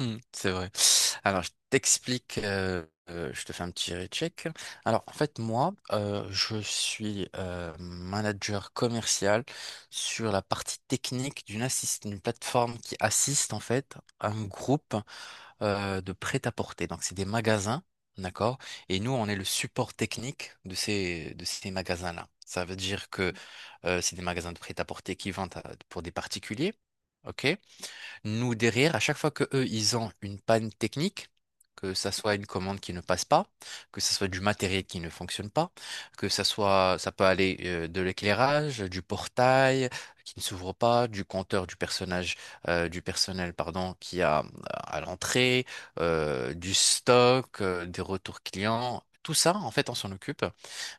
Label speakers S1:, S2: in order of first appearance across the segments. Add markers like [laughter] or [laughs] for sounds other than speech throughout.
S1: C'est vrai. Alors, je t'explique, je te fais un petit recheck. Alors, en fait, moi, je suis manager commercial sur la partie technique d'une plateforme qui assiste, en fait, un groupe de prêt-à-porter. Donc, c'est des magasins, d'accord? Et nous, on est le support technique de ces magasins-là. Ça veut dire que c'est des magasins de prêt-à-porter qui vendent pour des particuliers. Ok, nous, derrière, à chaque fois que eux, ils ont une panne technique, que ça soit une commande qui ne passe pas, que ça soit du matériel qui ne fonctionne pas, que ça soit, ça peut aller de l'éclairage, du portail qui ne s'ouvre pas, du compteur du personnage, du personnel, pardon, qui a à l'entrée, du stock, des retours clients. Tout ça, en fait, on s'en occupe.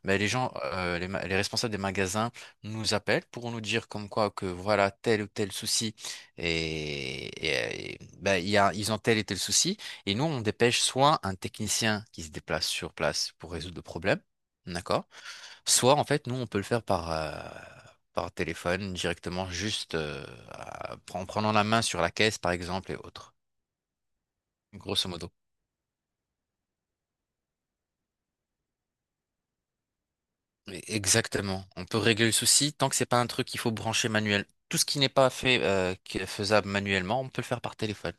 S1: Mais les gens, les responsables des magasins nous appellent pour nous dire comme quoi que voilà tel ou tel souci ben, ils ont tel et tel souci. Et nous, on dépêche soit un technicien qui se déplace sur place pour résoudre le problème, d'accord? Soit, en fait, nous, on peut le faire par téléphone directement, juste en prenant la main sur la caisse, par exemple, et autres. Grosso modo. Mais exactement. On peut régler le souci tant que c'est pas un truc qu'il faut brancher manuel. Tout ce qui n'est pas fait, qui est faisable manuellement, on peut le faire par téléphone.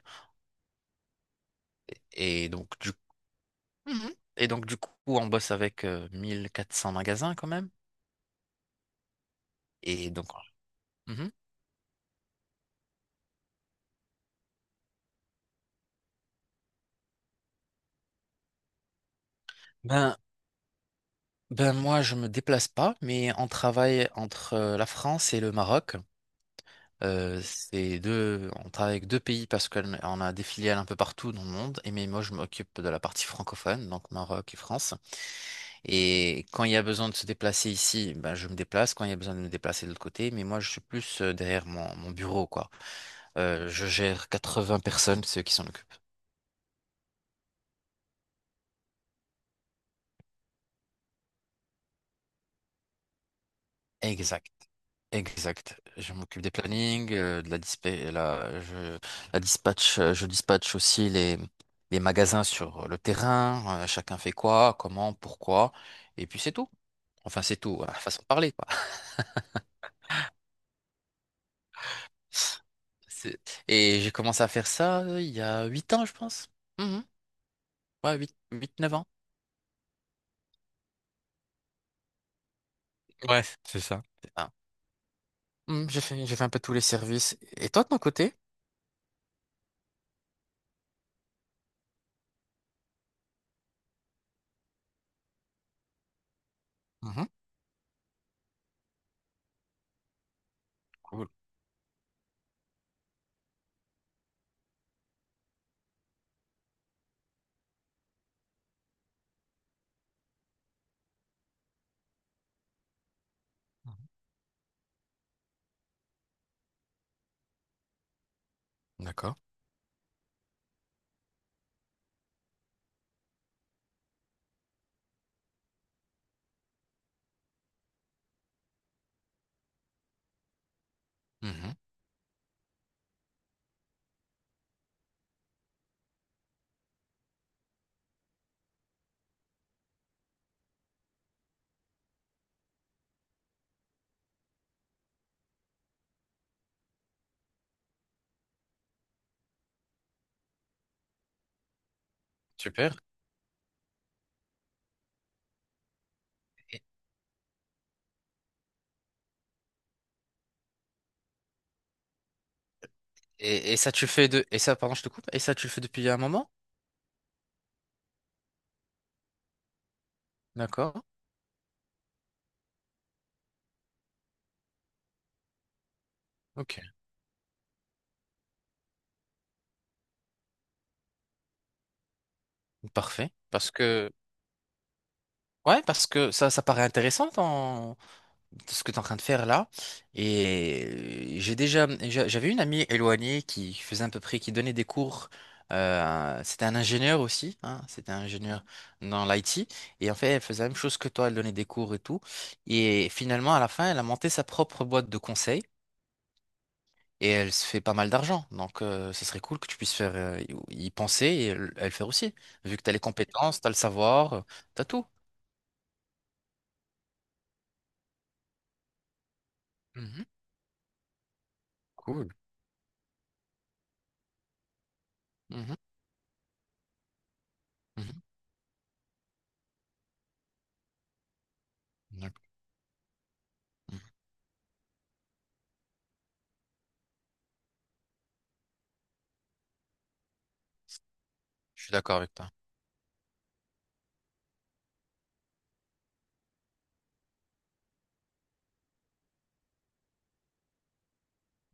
S1: Et donc, du Mhm. Et donc, du coup, on bosse avec 1400 magasins quand même. Et donc, mhm. Ben, ben moi, je me déplace pas, mais on travaille entre la France et le Maroc. On travaille avec deux pays parce qu'on on a des filiales un peu partout dans le monde. Et mais moi, je m'occupe de la partie francophone, donc Maroc et France. Et quand il y a besoin de se déplacer ici, ben, je me déplace. Quand il y a besoin de me déplacer de l'autre côté, mais moi, je suis plus derrière mon bureau, quoi. Je gère 80 personnes, ceux qui s'en occupent. Exact, exact. Je m'occupe des plannings, de la dispa- la, je, la dispatch, je dispatche aussi les magasins sur le terrain, chacun fait quoi, comment, pourquoi, et puis c'est tout. Enfin, c'est tout, à façon de parler, quoi. [laughs] C'est- Et j'ai commencé à faire ça il y a 8 ans, je pense. Mhm. Ouais, 9 ans. Ouais, c'est ça. C'est ça. Mhm, j'ai fait un peu tous les services. Et toi, de ton côté? Mhm. Cool. Mhm. D'accord. Mhm. Super. Et ça, tu le fais de... Et ça, pardon, je te coupe. Et ça, tu le fais depuis un moment? D'accord. Ok. Parfait. Parce que... Ouais, parce que ça paraît intéressant dans ce que tu es en train de faire là. J'avais une amie éloignée qui faisait à peu près... qui donnait des cours. C'était un ingénieur aussi. Hein, c'était un ingénieur dans l'IT. Et en fait, elle faisait la même chose que toi. Elle donnait des cours et tout. Et finalement, à la fin, elle a monté sa propre boîte de conseil. Et elle se fait pas mal d'argent. Donc, ce serait cool que tu puisses faire, y y penser et elle faire aussi. Vu que tu as les compétences, tu as le savoir, t'as tout. Mhm. Cool. Mhm. Mhm. D'accord. Mhm. Je suis d'accord avec toi.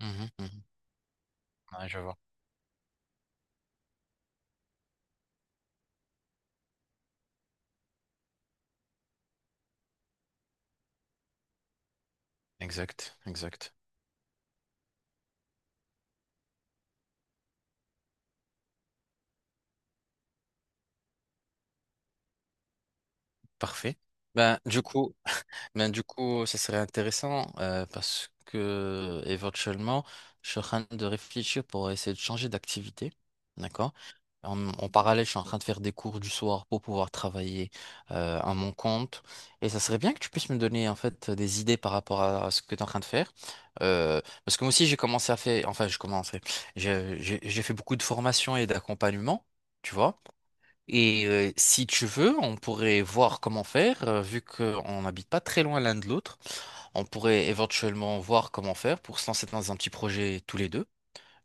S1: Mhm. Mhm. Ouais, je vois. Exact, exact. Parfait. Ben, du coup, Ben, du coup, ça serait intéressant parce que éventuellement, je suis en train de réfléchir pour essayer de changer d'activité. D'accord? En parallèle, je suis en train de faire des cours du soir pour pouvoir travailler à mon compte. Et ça serait bien que tu puisses me donner en fait des idées par rapport à ce que tu es en train de faire. Euh, parce que moi aussi, j'ai commencé à faire, enfin, je commençais, j'ai fait beaucoup de formations et d'accompagnement, tu vois. Et si tu veux, on pourrait voir comment faire, vu qu'on n'habite pas très loin l'un de l'autre. On pourrait éventuellement voir comment faire pour se lancer dans un petit projet tous les deux.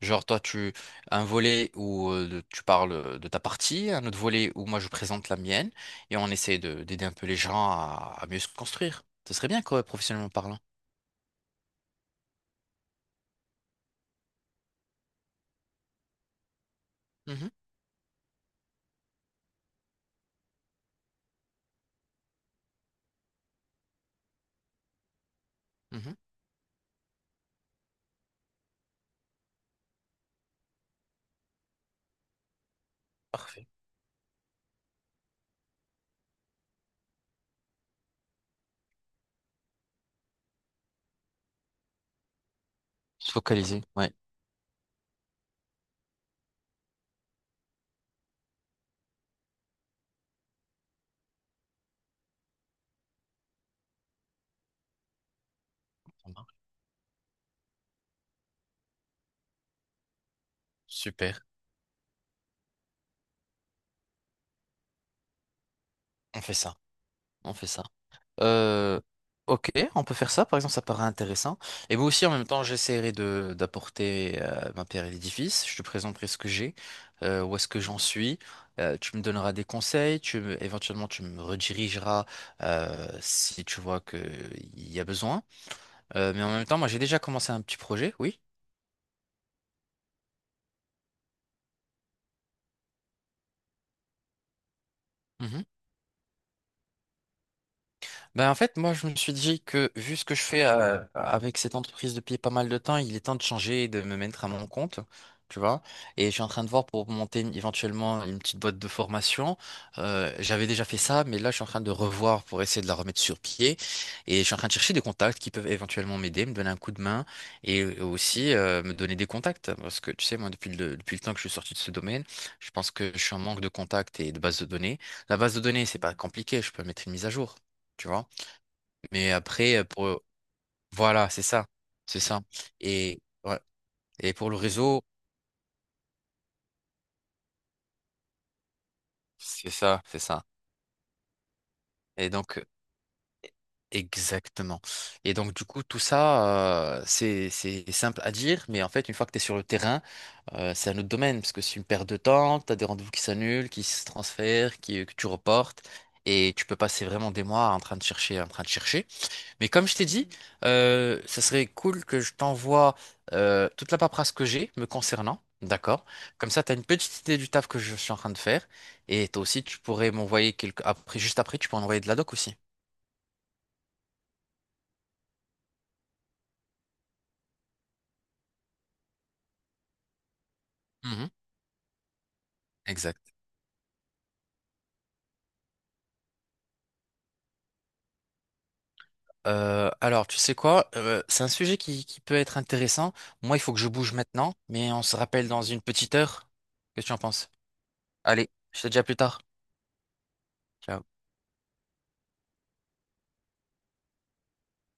S1: Genre toi, tu un volet où tu parles de ta partie, un autre volet où moi je présente la mienne, et on essaie de d'aider un peu les gens à mieux se construire. Ce serait bien, quoi, professionnellement parlant. Mhm, mhm. Parfait. Se focaliser, ouais. Ça marche. Super. On fait ça. On fait ça. Euh, ok, on peut faire ça. Par exemple, ça paraît intéressant. Et moi aussi, en même temps, j'essaierai de d'apporter ma pierre à l'édifice. Je te présenterai ce que j'ai, où est-ce que j'en suis. Tu me donneras des conseils. Éventuellement, tu me redirigeras si tu vois que il y a besoin. Mais en même temps, moi, j'ai déjà commencé un petit projet. Oui. Mhm. Ben en fait, moi, je me suis dit que vu ce que je fais avec cette entreprise depuis pas mal de temps, il est temps de changer et de me mettre à mon compte, tu vois. Et je suis en train de voir pour monter éventuellement une petite boîte de formation. J'avais déjà fait ça, mais là, je suis en train de revoir pour essayer de la remettre sur pied. Et je suis en train de chercher des contacts qui peuvent éventuellement m'aider, me donner un coup de main et aussi me donner des contacts. Parce que, tu sais, moi, depuis le temps que je suis sorti de ce domaine, je pense que je suis en manque de contacts et de bases de données. La base de données, c'est pas compliqué, je peux mettre une mise à jour. Tu vois, mais après, pour... voilà, c'est ça. C'est ça. Et, ouais. Et pour le réseau, c'est ça, c'est ça. Et donc, exactement. Et donc, du coup, tout ça, c'est simple à dire, mais en fait, une fois que tu es sur le terrain, c'est un autre domaine, parce que c'est une perte de temps, tu as des rendez-vous qui s'annulent, qui se transfèrent, que tu reportes, et tu peux passer vraiment des mois en train de chercher, en train de chercher. Mais comme je t'ai dit, ça serait cool que je t'envoie toute la paperasse que j'ai me concernant, d'accord? Comme ça, tu as une petite idée du taf que je suis en train de faire. Et toi aussi, tu pourrais m'envoyer quelques... Après, juste après, tu pourrais envoyer de la doc aussi. Mhm. Exact. Alors, tu sais quoi? C'est un sujet qui peut être intéressant. Moi, il faut que je bouge maintenant, mais on se rappelle dans une petite heure. Qu'est-ce que tu en penses? Allez, je te dis à plus tard. Ciao.